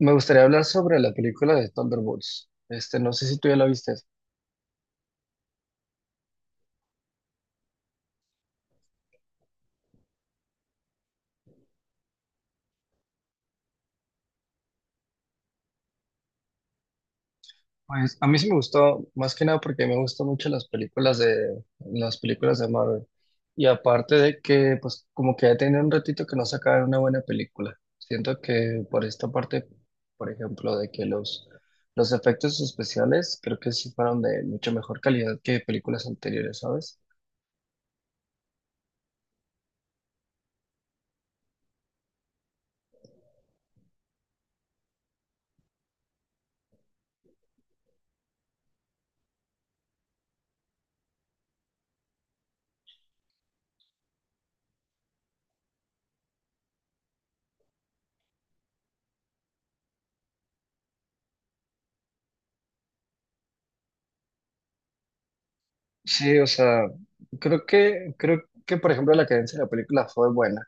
Me gustaría hablar sobre la película de Thunderbolts. No sé si tú ya la viste. Pues a mí sí me gustó, más que nada porque me gustan mucho las películas de Marvel. Y aparte de que, pues como que ya tenía un ratito que no sacaban una buena película. Siento que por esta parte, por ejemplo, de que los efectos especiales creo que sí fueron de mucha mejor calidad que películas anteriores, ¿sabes? Sí, o sea, creo que por ejemplo la cadencia de la película fue buena.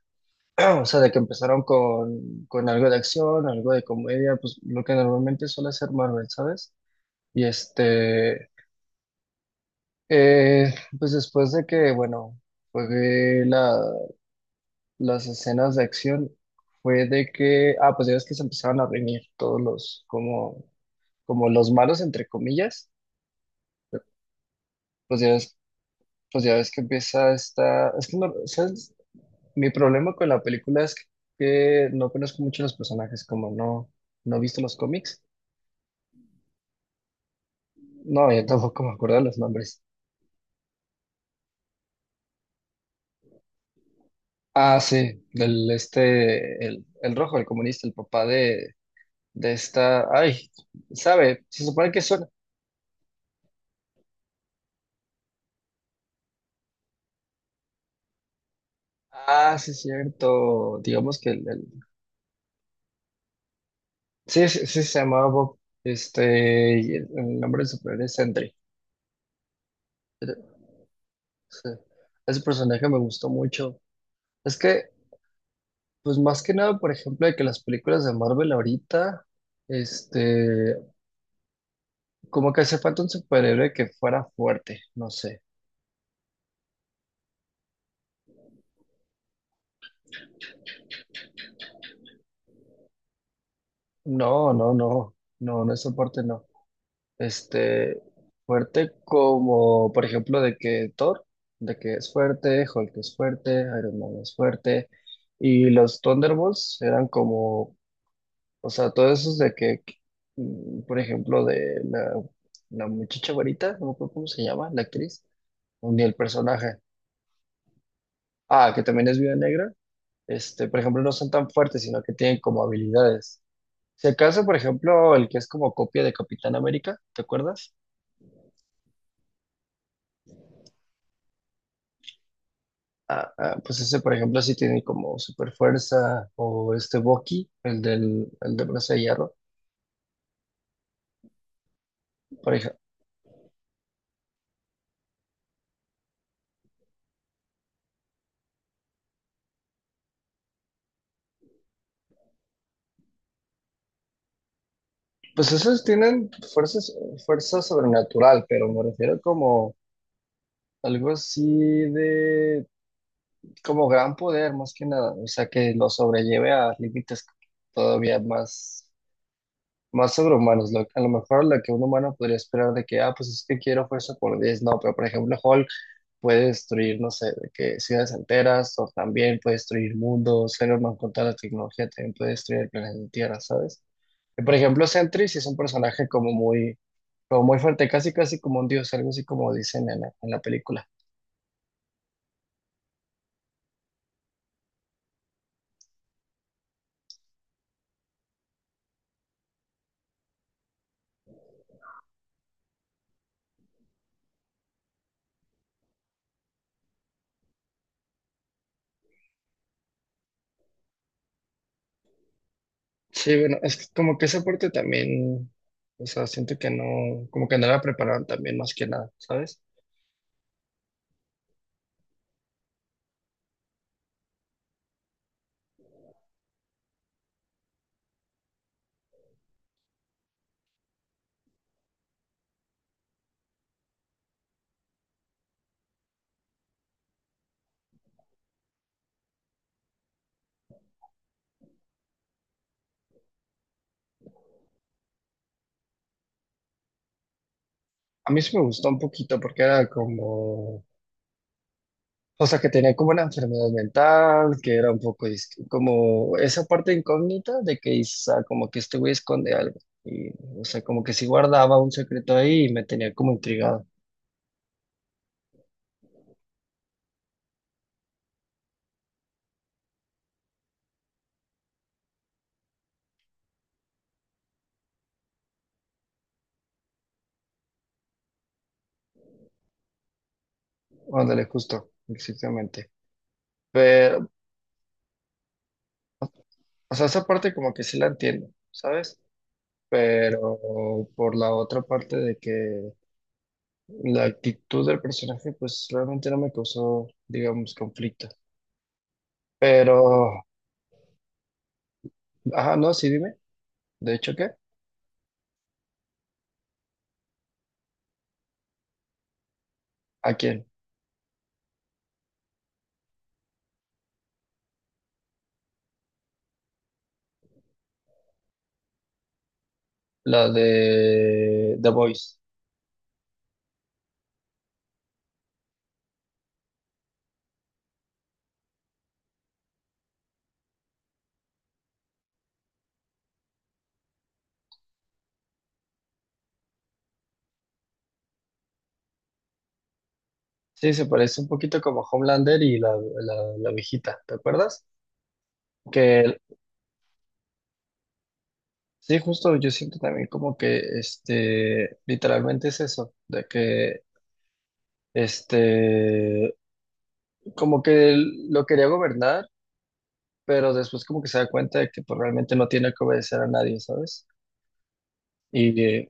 O sea, de que empezaron con algo de acción, algo de comedia, pues lo que normalmente suele hacer Marvel, ¿sabes? Y pues después de que, bueno, fue las escenas de acción, fue de que, ah, pues ya ves que se empezaron a reunir todos los, como, como los malos, entre comillas, pues ya ves, pues ya ves que empieza esta, es que no, ¿sabes? Mi problema con la película es que no conozco mucho los personajes, como no, no he visto los cómics. No, yo tampoco me acuerdo de los nombres. Ah, sí, del el rojo, el comunista, el papá de esta. Ay, ¿sabe? Se supone que son. Ah, sí, es cierto. Digamos que Sí, sí, sí, se llamaba Bob. Este, y el nombre del superhéroe es Sentry. Pero, sí, ese personaje me gustó mucho. Es que, pues más que nada, por ejemplo, de que las películas de Marvel ahorita, este, como que hace falta un superhéroe que fuera fuerte, no sé. No, no, no, no, no es soporte, no. Este, fuerte como, por ejemplo, de que Thor, de que es fuerte, Hulk es fuerte, Iron Man es fuerte, y los Thunderbolts eran como, o sea, todos esos de que, por ejemplo, de la muchacha varita, no me acuerdo cómo se llama, la actriz, ni el personaje. Ah, que también es Viuda Negra, este, por ejemplo, no son tan fuertes, sino que tienen como habilidades. Si acaso, por ejemplo, el que es como copia de Capitán América, ¿te acuerdas? Pues ese, por ejemplo, sí tiene como super fuerza, o este Bucky, el el de brazo de hierro, por ejemplo. Pues esos tienen fuerza sobrenatural, pero me refiero como algo así de, como gran poder, más que nada. O sea, que lo sobrelleve a límites todavía más sobrehumanos. A lo mejor lo que un humano podría esperar de que, ah, pues es que quiero fuerza por 10 no, pero por ejemplo, Hulk puede destruir, no sé, de que ciudades enteras, o también puede destruir mundos, pero más con toda la tecnología también puede destruir el planeta Tierra, ¿sabes? Y, por ejemplo, Sentry sí es un personaje como muy fuerte, casi casi como un dios, algo así como dicen en en la película. Sí, bueno, es que como que esa parte también, o sea, siento que no, como que no la prepararon también más que nada, ¿sabes? A mí sí me gustó un poquito porque era como, o sea, que tenía como una enfermedad mental, que era un poco como esa parte incógnita de que quizá como que este güey esconde algo. Y, o sea, como que sí guardaba un secreto ahí y me tenía como intrigado. Ándale, justo, exactamente. Pero, o sea, esa parte como que sí la entiendo, ¿sabes? Pero por la otra parte de que la actitud del personaje, pues realmente no me causó, digamos, conflicto. Pero, ajá, no, sí, dime. ¿De hecho qué? ¿A quién? La de The Voice. Sí, se parece un poquito como Homelander y la viejita, ¿te acuerdas? Que sí, justo yo siento también como que este, literalmente es eso, de que este, como que él lo quería gobernar, pero después como que se da cuenta de que pues, realmente no tiene que obedecer a nadie, ¿sabes? Y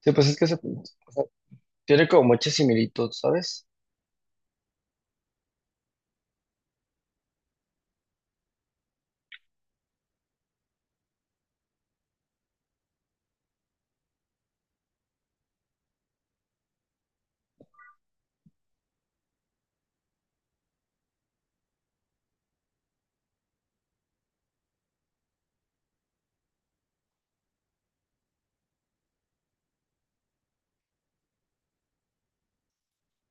sí, pues es que o sea, tiene como mucha similitud, ¿sabes?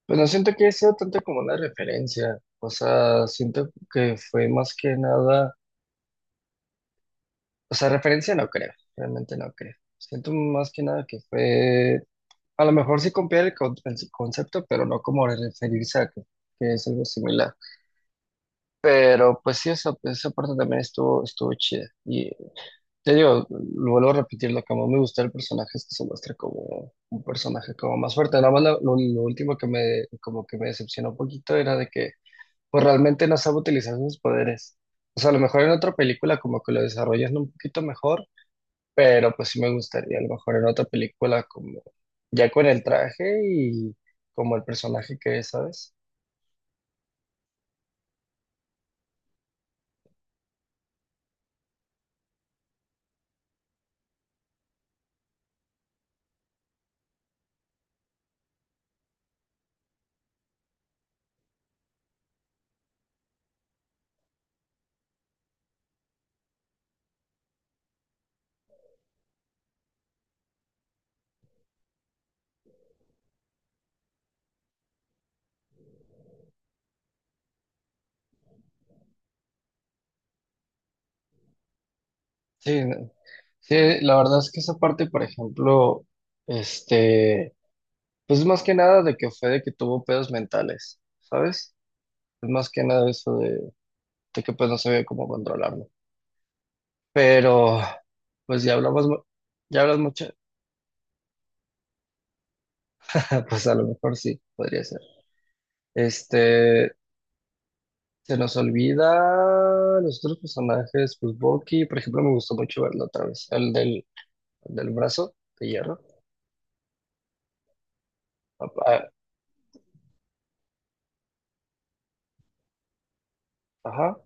Bueno, siento que he sido tanto como una referencia, o sea, siento que fue más que nada, o sea, referencia no creo, realmente no creo. Siento más que nada que fue, a lo mejor sí copiar el concepto, pero no como referirse a que es algo similar. Pero pues sí, esa parte también estuvo chida. Y te digo, lo vuelvo a repetir, lo que más me gusta del personaje es que se muestra como un personaje como más fuerte. Nada más lo último que me, como que me decepcionó un poquito era de que pues realmente no sabe utilizar sus poderes. O sea, a lo mejor en otra película como que lo desarrollan un poquito mejor, pero pues sí me gustaría a lo mejor en otra película como ya con el traje y como el personaje que es, ¿sabes? Sí, no- sí, la verdad es que esa parte, por ejemplo, este, pues más que nada de que fue de que tuvo pedos mentales, ¿sabes? Pues más que nada eso de que pues no sabía cómo controlarlo. Pero, pues ya hablamos, ya hablas mucho. Pues a lo mejor sí, podría ser. Este, se nos olvida los otros personajes, pues Bucky, por ejemplo, me gustó mucho verlo otra vez, el del brazo de hierro. A- a- Ajá,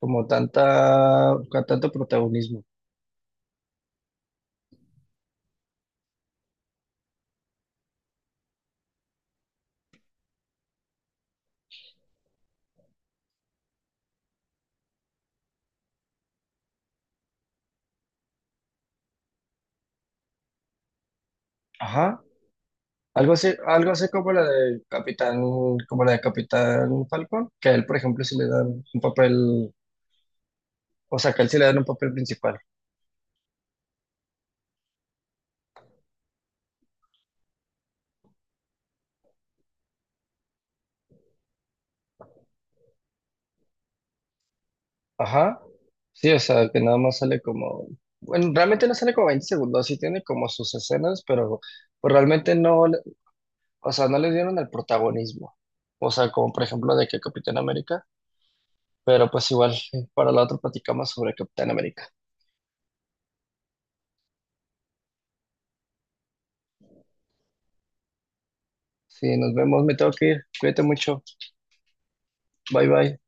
como tanta, con tanto protagonismo. Ajá, algo así como la de como la de Capitán Falcon, que a él, por ejemplo, sí le dan un papel, o sea, que a él sí le dan un papel principal. Ajá. Sí, o sea, que nada más sale como, bueno, realmente no sale como 20 segundos, sí tiene como sus escenas, pero pues realmente o sea, no le dieron el protagonismo. O sea, como por ejemplo de que Capitán América, pero pues igual para la otra platicamos sobre Capitán América. Sí, nos vemos, me tengo que ir. Cuídate mucho. Bye bye.